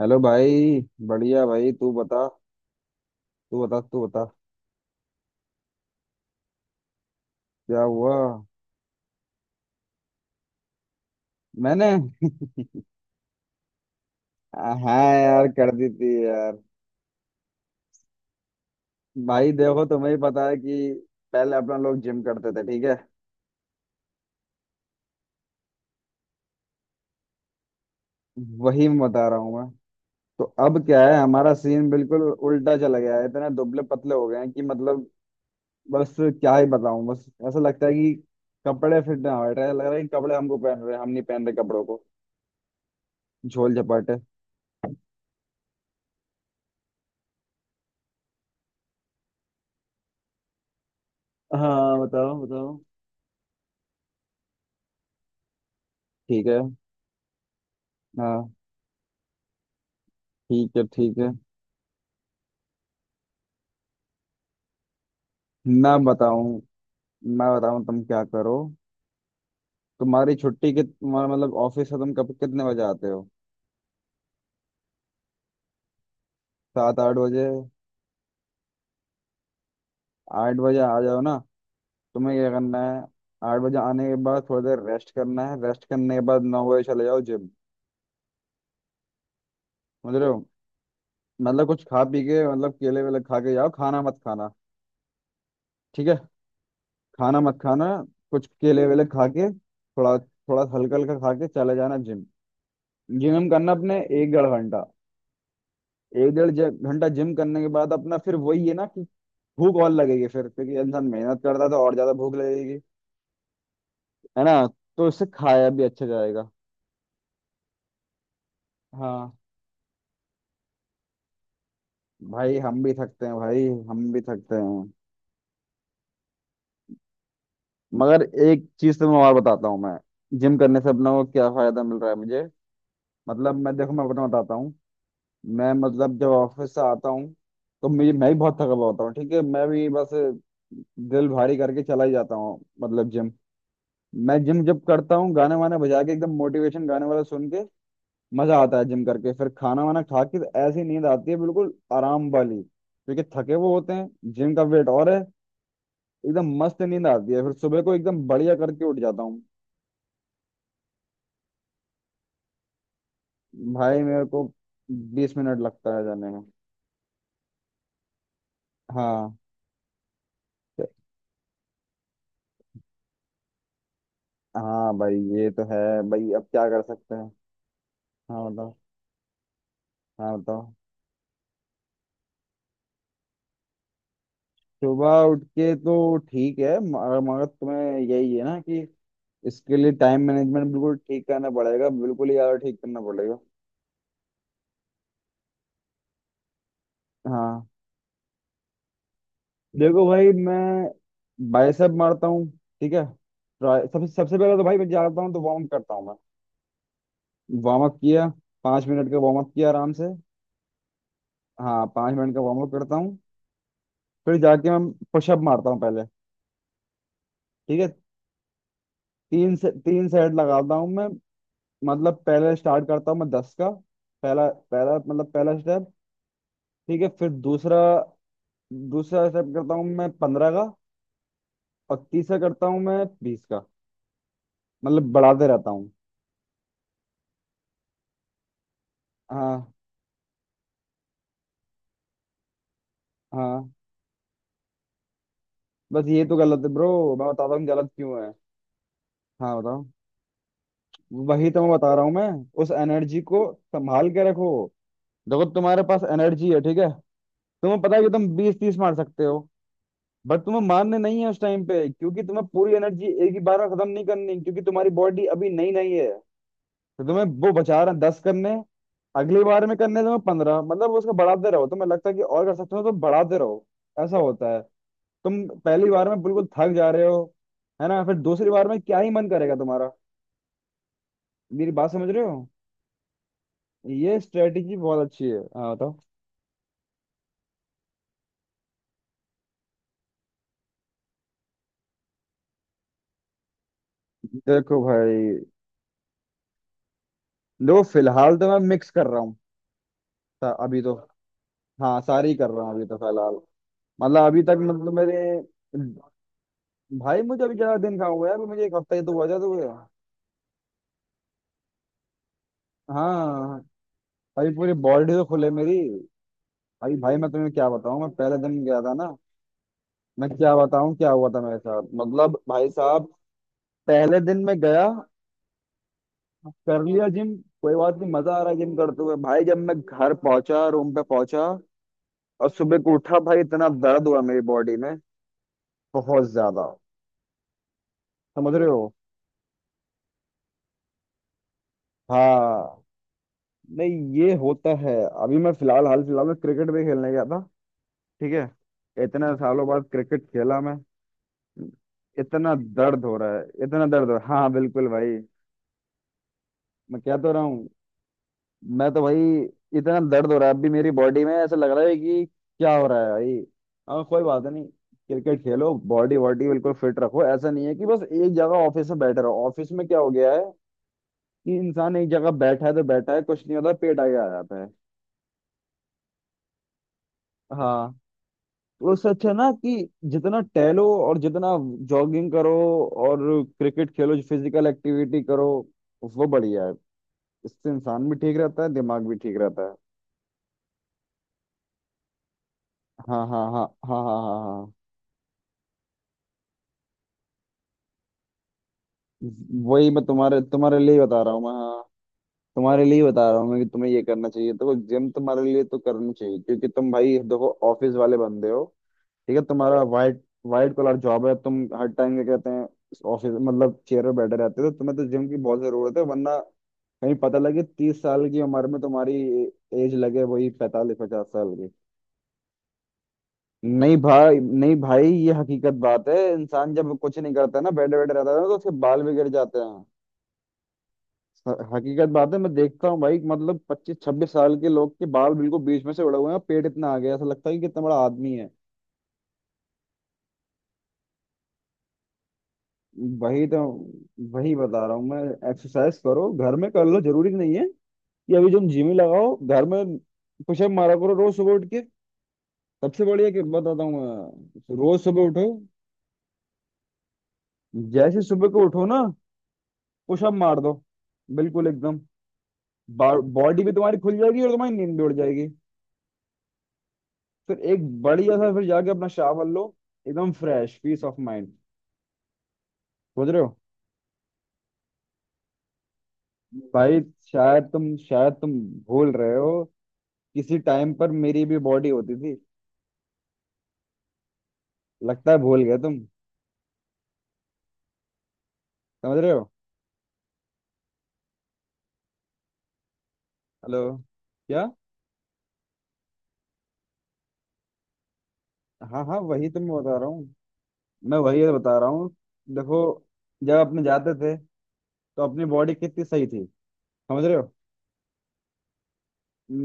Hello भाई। बढ़िया भाई तू बता। तू बता तू बता। क्या हुआ? मैंने। हाँ यार कर दी थी यार। भाई देखो, तुम्हें ही पता है कि पहले अपना लोग जिम करते थे, ठीक है। वही मैं बता रहा हूँ मैं। तो अब क्या है, हमारा सीन बिल्कुल उल्टा चला गया है, इतने दुबले पतले हो गए हैं कि मतलब बस क्या ही बताऊं, बस ऐसा लगता है कि कपड़े फिट ना हो रहे हैं। लग रहा है कि कपड़े हमको पहन रहे हैं, हम नहीं पहन रहे कपड़ों को। झोल झपाटे। हाँ बताओ बताओ। ठीक है। हाँ, ठीक है ठीक है। मैं बताऊं, मैं बताऊं तुम क्या करो। तुम्हारी छुट्टी कित तुम्हारा मतलब ऑफिस से तुम कब कितने बजे आते हो? 7 8 बजे। 8 बजे आ जाओ ना। तुम्हें क्या करना है? 8 बजे आने के बाद थोड़ी देर रेस्ट करना है, रेस्ट करने के बाद 9 बजे चले जाओ जिम। समझ रहे हो? मतलब कुछ खा पी के, मतलब केले वेले खा के जाओ, खाना मत खाना। ठीक है। खाना मत खाना। कुछ केले वेले खा के थोड़ा, थोड़ा हल्का हल्का खा के चले जाना जिम। जिम करना अपने एक डेढ़ घंटा। एक डेढ़ घंटा जिम करने के बाद अपना फिर वही है ना, भूख और लगेगी फिर, क्योंकि इंसान मेहनत करता है तो और ज्यादा भूख लगेगी, है ना। तो इससे खाया भी अच्छा जाएगा। हाँ भाई हम भी थकते हैं भाई, हम भी थकते हैं। मगर एक चीज तो मैं और बताता हूँ मैं। जिम करने से अपना को क्या फायदा मिल रहा है मुझे, मतलब मैं देखो मैं अपना बताता हूँ। मैं मतलब जब ऑफिस से आता हूँ तो मुझे, मैं भी बहुत थका हुआ होता हूँ, ठीक है। मैं भी बस दिल भारी करके चला ही जाता हूँ, मतलब जिम। मैं जिम जब करता हूँ, गाने वाने बजा के एकदम मोटिवेशन गाने वाला सुन के, मजा आता है जिम करके। फिर खाना वाना खा के ऐसी नींद आती है बिल्कुल आराम वाली, क्योंकि थके वो होते हैं, जिम का वेट और है। एकदम मस्त नींद आती है, फिर सुबह को एकदम बढ़िया करके उठ जाता हूँ। भाई मेरे को 20 मिनट लगता है जाने में। हाँ। हाँ भाई ये तो है। भाई अब क्या कर सकते हैं? हाँ बताओ। हाँ बताओ। सुबह उठ के तो ठीक है, मगर मगर तुम्हें यही है ना कि इसके लिए टाइम मैनेजमेंट बिल्कुल ठीक करना पड़ेगा, बिल्कुल ही ज्यादा ठीक करना पड़ेगा। हाँ। देखो भाई मैं बाइसेप मारता हूँ, ठीक है। ट्राई सबसे सबसे पहले तो भाई मैं जाता हूँ तो वार्म अप करता हूँ मैं। वार्म अप किया। 5 मिनट का वार्म अप किया आराम से। हाँ, पाँच मिनट का वार्म अप करता हूँ, फिर जाके मैं पुशअप मारता हूँ पहले। ठीक है। 3 से 3 सेट लगाता हूँ मैं। मतलब पहले स्टार्ट करता हूँ मैं 10 का, पहला पहला मतलब पहला स्टेप। ठीक है, फिर दूसरा, दूसरा स्टेप करता हूँ मैं 15 का, और तीसरा करता हूँ मैं 20 का, मतलब बढ़ाते रहता हूँ। हाँ। हाँ, बस ये तो गलत है ब्रो, मैं बताता हूँ गलत क्यों है। हाँ बताओ। वही तो मैं बता रहा हूँ मैं। उस एनर्जी को संभाल के रखो। देखो तुम्हारे पास एनर्जी है, ठीक है। तुम्हें पता है कि तुम 20 30 मार सकते हो, बट तुम्हें मारने नहीं है उस टाइम पे, क्योंकि तुम्हें पूरी एनर्जी एक ही बार में खत्म नहीं करनी, क्योंकि तुम्हारी बॉडी अभी नई नई है। तो तुम्हें वो बचा रहे 10 करने, अगली बार में करने तुम्हें 15, मतलब उसको बढ़ाते रहो, तुम्हें लगता है कि और कर सकते हो तो बढ़ाते रहो। ऐसा होता है। तुम पहली बार में बिल्कुल थक जा रहे हो, है ना। फिर दूसरी बार में क्या ही मन करेगा तुम्हारा? मेरी बात समझ रहे हो? ये स्ट्रेटेजी बहुत अच्छी है। हाँ बताओ। देखो भाई, देखो फिलहाल तो मैं मिक्स कर रहा हूँ। अभी तो। हाँ सारी कर रहा हूँ अभी तो फिलहाल। मतलब अभी तक मतलब मेरे। भाई मुझे अभी ज्यादा दिन कहाँ हुआ यार, मुझे एक हफ्ता ही तो हुआ, ज्यादा हुआ। हाँ। भाई पूरी बॉडी तो खुले मेरी। अभी भाई मैं तुम्हें क्या बताऊँ, मैं पहले दिन गया था ना, मैं क्या बताऊँ क्या हुआ था मेरे साथ, मतलब भाई साहब। पहले दिन मैं गया, कर लिया जिम, कोई बात नहीं, मजा आ रहा है जिम करते हुए। भाई जब मैं घर पहुंचा, रूम पे पहुंचा, और सुबह को उठा, भाई इतना दर्द हुआ मेरी बॉडी में, बहुत ज्यादा। समझ रहे हो? हाँ। नहीं, ये होता है। अभी मैं फिलहाल, हाल फिलहाल में क्रिकेट भी खेलने गया था, ठीक है। इतने सालों बाद क्रिकेट खेला मैं। इतना दर्द हो रहा है, इतना दर्द हो रहा है हाँ, बिल्कुल भाई। मैं कह तो रहा हूँ मैं तो भाई, इतना दर्द हो रहा है अभी मेरी बॉडी में, ऐसा लग रहा है कि क्या हो रहा है भाई। हाँ कोई बात नहीं, क्रिकेट खेलो, बॉडी वॉडी बिल्कुल फिट रखो। ऐसा नहीं है कि बस एक जगह ऑफिस में बैठे रहो। ऑफिस में क्या हो गया है कि इंसान एक जगह बैठा है तो बैठा है, कुछ नहीं होता, पेट आगे आ जाता है। हाँ। तो उससे अच्छा ना कि जितना टहलो और जितना जॉगिंग करो और क्रिकेट खेलो, फिजिकल एक्टिविटी करो, वो बढ़िया है। इससे इंसान भी ठीक रहता है, दिमाग भी ठीक रहता है। हाँ हाँ हाँ हाँ हाँ हाँ हाँ। वही मैं तुम्हारे तुम्हारे लिए ही बता रहा हूँ मैं। हाँ, तुम्हारे लिए ही बता रहा हूँ मैं कि तुम्हें ये करना चाहिए। देखो जिम तुम्हारे लिए तो करनी चाहिए, क्योंकि तुम भाई देखो ऑफिस वाले बंदे हो, ठीक है। तुम्हारा वाइट, वाइट कॉलर जॉब है। तुम हर टाइम क्या कहते हैं, ऑफिस मतलब चेयर पे बैठे रहते हो, तो तुम्हें तो जिम की बहुत जरूरत है, वरना कहीं पता लगे 30 साल की उम्र में तुम्हारी एज लगे वही 45 50 साल की। नहीं भाई नहीं भाई, ये हकीकत बात है। इंसान जब कुछ नहीं करता ना, बैठे बैठे रहता है ना, तो उसके बाल भी गिर जाते हैं। हकीकत बात है, मैं देखता हूँ भाई, मतलब 25 26 साल के लोग के बाल बिल्कुल बीच में से उड़े हुए हैं, पेट इतना आ गया है, ऐसा लगता है कि कितना बड़ा आदमी है। वही तो, वही बता रहा हूँ मैं। एक्सरसाइज करो घर में कर लो, जरूरी नहीं है कि अभी तुम जिम ही लगाओ। घर में पुशअप मारा करो रोज सुबह उठ के। सबसे बढ़िया कि बताता हूँ मैं, रोज सुबह उठो, जैसे सुबह को उठो ना, पुशअप मार दो बिल्कुल एकदम। बॉडी भी तुम्हारी खुल जाएगी और तुम्हारी नींद भी उड़ जाएगी। फिर एक बढ़िया सा, फिर जाके अपना शावर लो, एकदम फ्रेश, पीस ऑफ माइंड। समझ रहे हो? भाई शायद तुम भूल रहे हो, किसी टाइम पर मेरी भी बॉडी होती थी। लगता है भूल गए तुम। समझ रहे हो? हेलो? क्या? हाँ हाँ वही तो मैं बता रहा हूँ, मैं वही तो बता रहा हूँ। देखो जब अपने जाते थे, तो अपनी बॉडी कितनी सही थी। समझ रहे हो?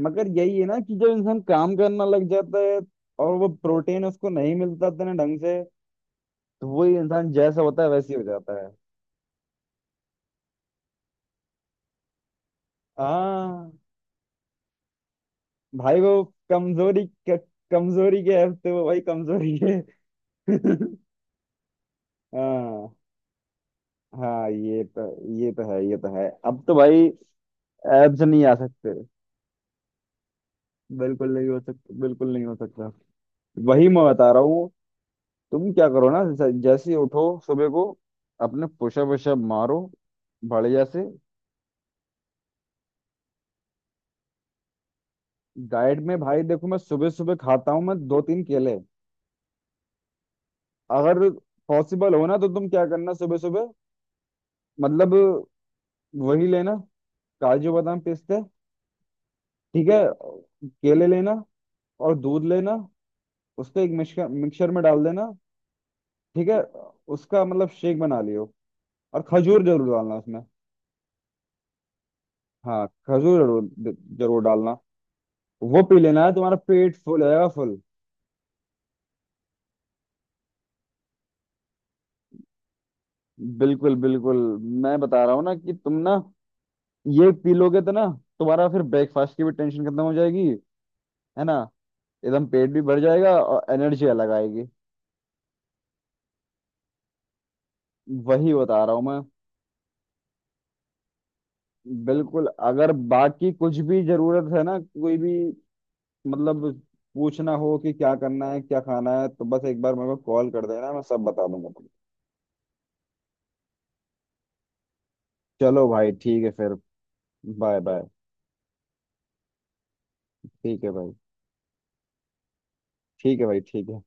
मगर यही है ना कि जब इंसान काम करना लग जाता है और वो प्रोटीन उसको नहीं मिलता इतने ढंग से, तो वही इंसान जैसा होता है वैसे ही हो जाता है। हाँ भाई वो कमजोरी कमजोरी के हफ्ते वो भाई कमजोरी है। हाँ हाँ ये तो, ये तो है, ये तो है अब तो भाई, एब्स नहीं आ सकते। बिल्कुल नहीं हो सकते, बिल्कुल नहीं हो सकता। वही मैं बता रहा हूँ। तुम क्या करो ना, जैसे जैसे ही उठो सुबह को, अपने पुशअप वुशअप मारो बढ़िया से। डाइट में भाई देखो, मैं सुबह सुबह खाता हूँ मैं दो तीन केले। अगर पॉसिबल हो ना, तो तुम क्या करना सुबह सुबह, मतलब वही लेना, काजू बादाम पिस्ते, ठीक है, केले लेना और दूध लेना, उसको एक मिक्सचर मिक्सचर में डाल देना, ठीक है, उसका मतलब शेक बना लियो। और खजूर जरूर डालना उसमें। हाँ खजूर जरूर, जरूर डालना। वो पी लेना है, तुम्हारा पेट फुल हो जाएगा, फुल। बिल्कुल बिल्कुल, मैं बता रहा हूँ ना कि तुम ना ये पी लोगे तो ना तुम्हारा फिर ब्रेकफास्ट की भी टेंशन खत्म हो जाएगी, है ना। एकदम पेट भी भर जाएगा और एनर्जी अलग आएगी। वही बता रहा हूँ मैं। बिल्कुल, अगर बाकी कुछ भी जरूरत है ना, कोई भी मतलब पूछना हो कि क्या करना है क्या खाना है, तो बस एक बार मेरे को कॉल कर देना, मैं सब बता दूंगा तुमको। चलो भाई ठीक है फिर। Bye bye. ठीक है भाई ठीक है भाई ठीक है।